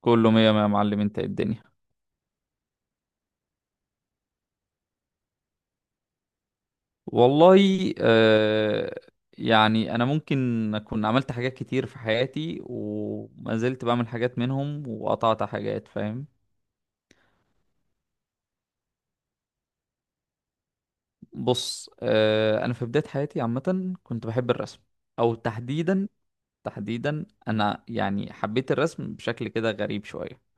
كله مية مية يا معلم، انت ايه الدنيا؟ والله، آه يعني انا ممكن اكون عملت حاجات كتير في حياتي، وما زلت بعمل حاجات منهم وقطعت حاجات، فاهم. بص، آه، انا في بداية حياتي عامة كنت بحب الرسم، او تحديدا. انا يعني حبيت الرسم بشكل كده غريب شوية.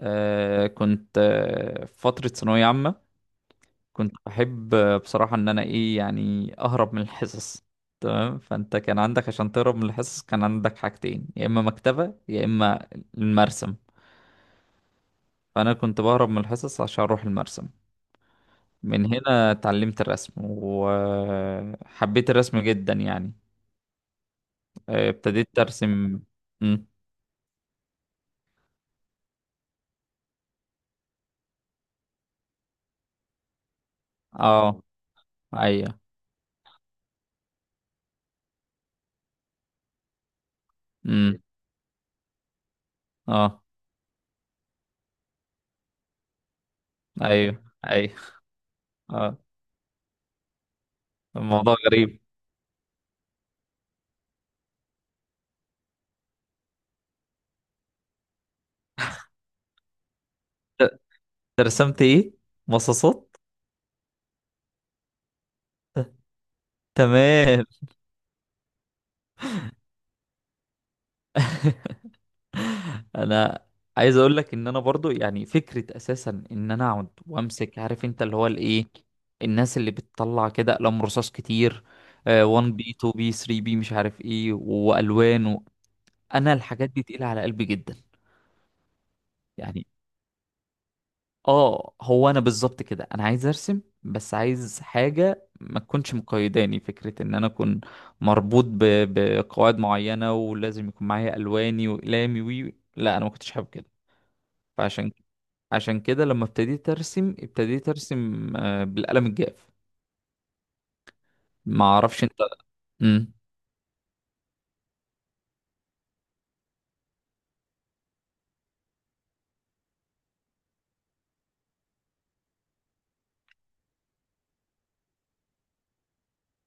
كنت في فترة ثانوية عامة كنت بحب، بصراحة، ان انا ايه، يعني اهرب من الحصص. تمام، فانت كان عندك عشان تهرب من الحصص كان عندك حاجتين، يا اما مكتبة يا اما المرسم. فانا كنت بهرب من الحصص عشان اروح المرسم. من هنا اتعلمت الرسم وحبيت الرسم جدا يعني. ابتديت ارسم. مم. اه. ايوه. مم. اه. ايوه، ايوه. اه، الموضوع غريب. ت- ترسمت ايه؟ مصاصات. تمام. انا عايز اقول لك ان انا برضو يعني فكره اساسا ان انا اقعد وامسك، عارف انت اللي هو الايه، الناس اللي بتطلع كده اقلام رصاص كتير، 1B بي 2B بي 3B بي مش عارف ايه والوان و... انا الحاجات دي تقيله على قلبي جدا يعني. اه، هو انا بالظبط كده، انا عايز ارسم بس عايز حاجه ما تكونش مقيداني، فكره ان انا اكون مربوط ب... بقواعد معينه ولازم يكون معايا الواني واقلامي وي، لا انا ما كنتش حابب كده. فعشان عشان كده لما ابتديت ارسم ابتديت ارسم، بالقلم الجاف. ما اعرفش انت. امم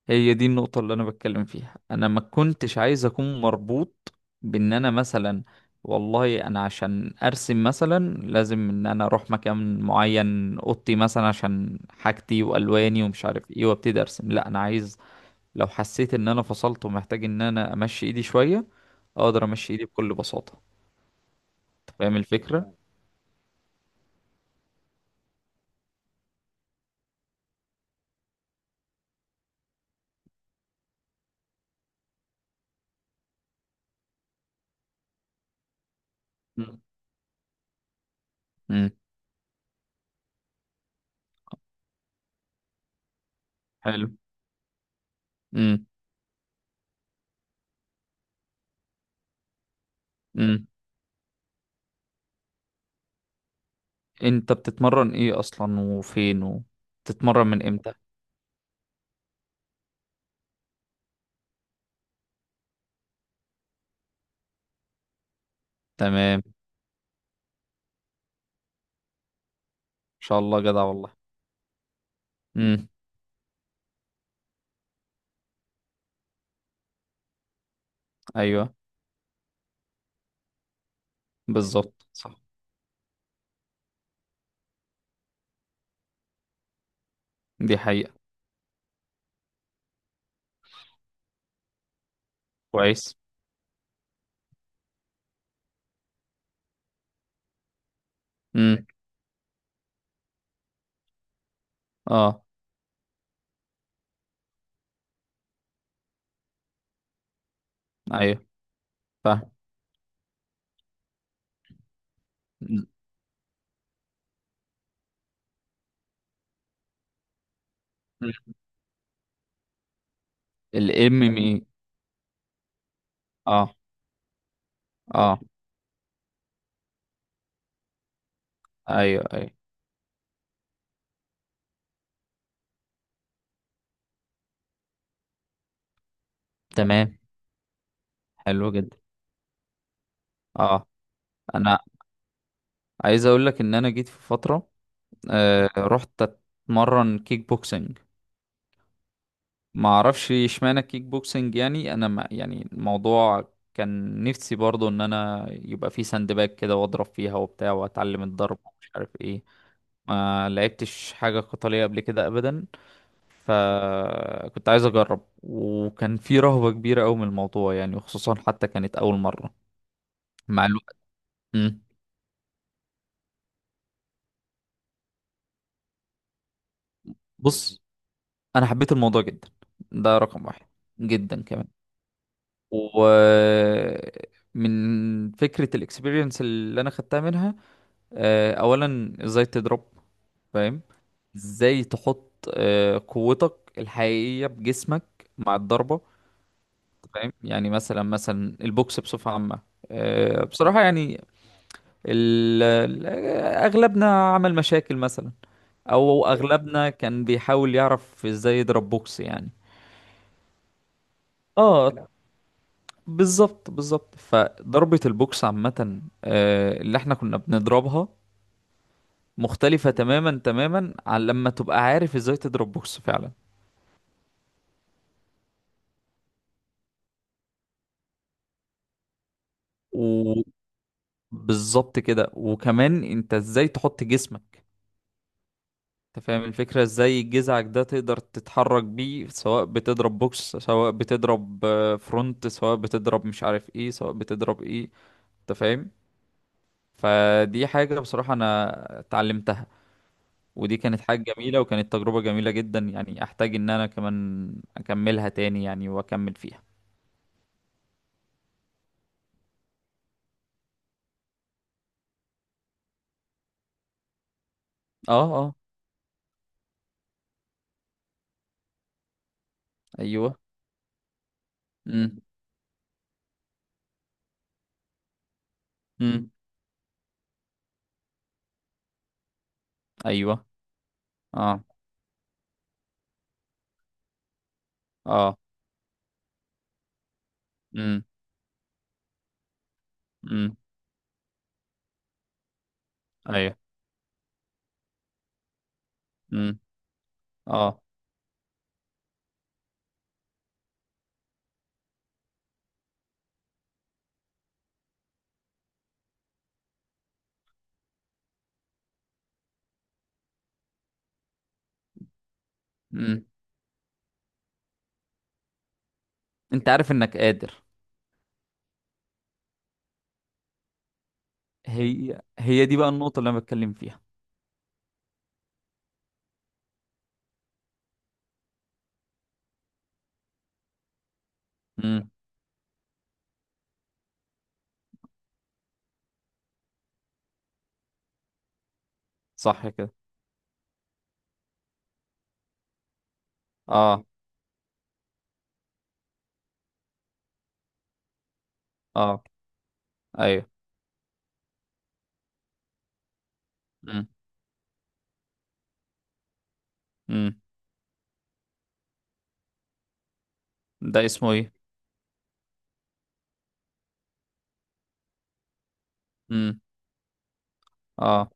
هي دي النقطة اللي انا بتكلم فيها، انا ما كنتش عايز اكون مربوط بان انا مثلا، والله انا عشان ارسم مثلا لازم ان انا اروح مكان معين، اوضتي مثلا عشان حاجتي والواني ومش عارف ايه وابتدي ارسم، لا انا عايز لو حسيت ان انا فصلت ومحتاج ان انا امشي ايدي شوية اقدر امشي ايدي بكل بساطة. أنت فاهم الفكرة. امم. حلو. امم. انت بتتمرن ايه اصلا، وفين، وبتتمرن من امتى؟ تمام، ان شاء الله، جدع والله. امم. ايوه، بالظبط، صح. دي حقيقة. كويس. امم. اه. ايوه، فاهم. الام ام اي؟ اه. اه. ايوه، ايوه. تمام. حلو جدا. اه. انا عايز اقول لك ان انا جيت في فترة، رحت اتمرن كيك بوكسنج. ما اعرفش اشمعنى كيك بوكسنج، يعني انا ما يعني الموضوع كان نفسي برضو ان انا يبقى في ساند باج كده واضرب فيها وبتاع واتعلم الضرب ومش عارف ايه. ما لعبتش حاجة قتالية قبل كده ابدا، فكنت عايز اجرب، وكان في رهبة كبيرة قوي من الموضوع يعني، وخصوصا حتى كانت اول مرة. مع الوقت. مم. بص، انا حبيت الموضوع جدا، ده رقم واحد. جدا كمان. و من فكرة الاكسبيرينس اللي انا خدتها منها، اولا ازاي تضرب. فاهم. ازاي تحط قوتك الحقيقية بجسمك مع الضربة. فاهم يعني. مثلا البوكس بصفة عامة، بصراحة يعني، ال- ال- اغلبنا عمل مشاكل مثلا، او اغلبنا كان بيحاول يعرف ازاي يضرب بوكس يعني. اه، بالظبط بالظبط. فضربة البوكس عامة، اللي احنا كنا بنضربها مختلفة تماما عن لما تبقى عارف ازاي تضرب بوكس فعلا. وبالظبط كده. وكمان انت ازاي تحط جسمك، انت فاهم الفكرة، ازاي جذعك ده تقدر تتحرك بيه، سواء بتضرب بوكس، سواء بتضرب فرونت، سواء بتضرب مش عارف ايه، سواء بتضرب ايه، انت فاهم. فدي حاجة بصراحة انا اتعلمتها، ودي كانت حاجة جميلة، وكانت تجربة جميلة جدا يعني. احتاج ان انا كمان اكملها تاني يعني واكمل فيها. اه. اه. ايوه. امم. ايوه. اه. اه. امم. امم. ايوه. امم. اه. امم. انت عارف انك قادر. هي دي بقى النقطة اللي انا بتكلم فيها. امم. صح كده. اه. اه. ايوه. امم. امم. ده اسمه ايه؟ امم. اه.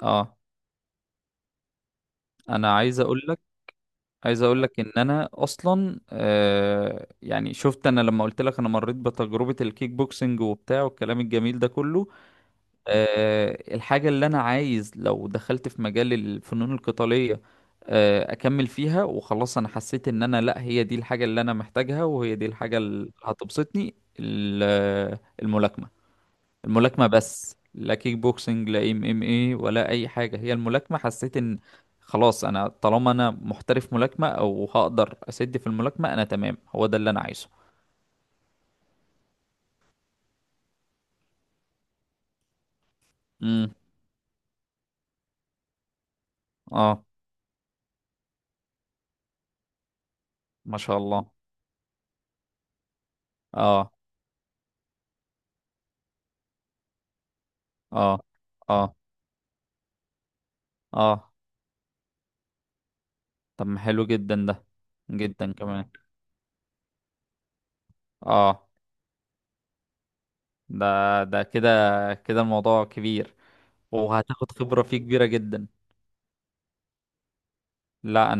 اه. انا عايز اقول لك، عايز اقول لك ان انا اصلا، آه، يعني شفت انا لما قلت لك انا مريت بتجربة الكيك بوكسنج وبتاع والكلام الجميل ده كله، الحاجة اللي أنا عايز لو دخلت في مجال الفنون القتالية، أكمل فيها وخلاص. أنا حسيت إن أنا لأ، هي دي الحاجة اللي أنا محتاجها وهي دي الحاجة اللي هتبسطني، الملاكمة. الملاكمة بس، لا كيك بوكسنج لا ام ام اي ولا أي حاجة، هي الملاكمة، حسيت إن خلاص أنا طالما أنا محترف ملاكمة أو هقدر أسد في الملاكمة أنا تمام، هو ده اللي أنا عايزه. امم. اه، ما شاء الله. اه. اه. اه. اه. طب ما حلو جدا ده. جدا كمان. اه، ده، ده كده الموضوع كبير، وهتاخد خبرة فيه كبيرة جدا. لا.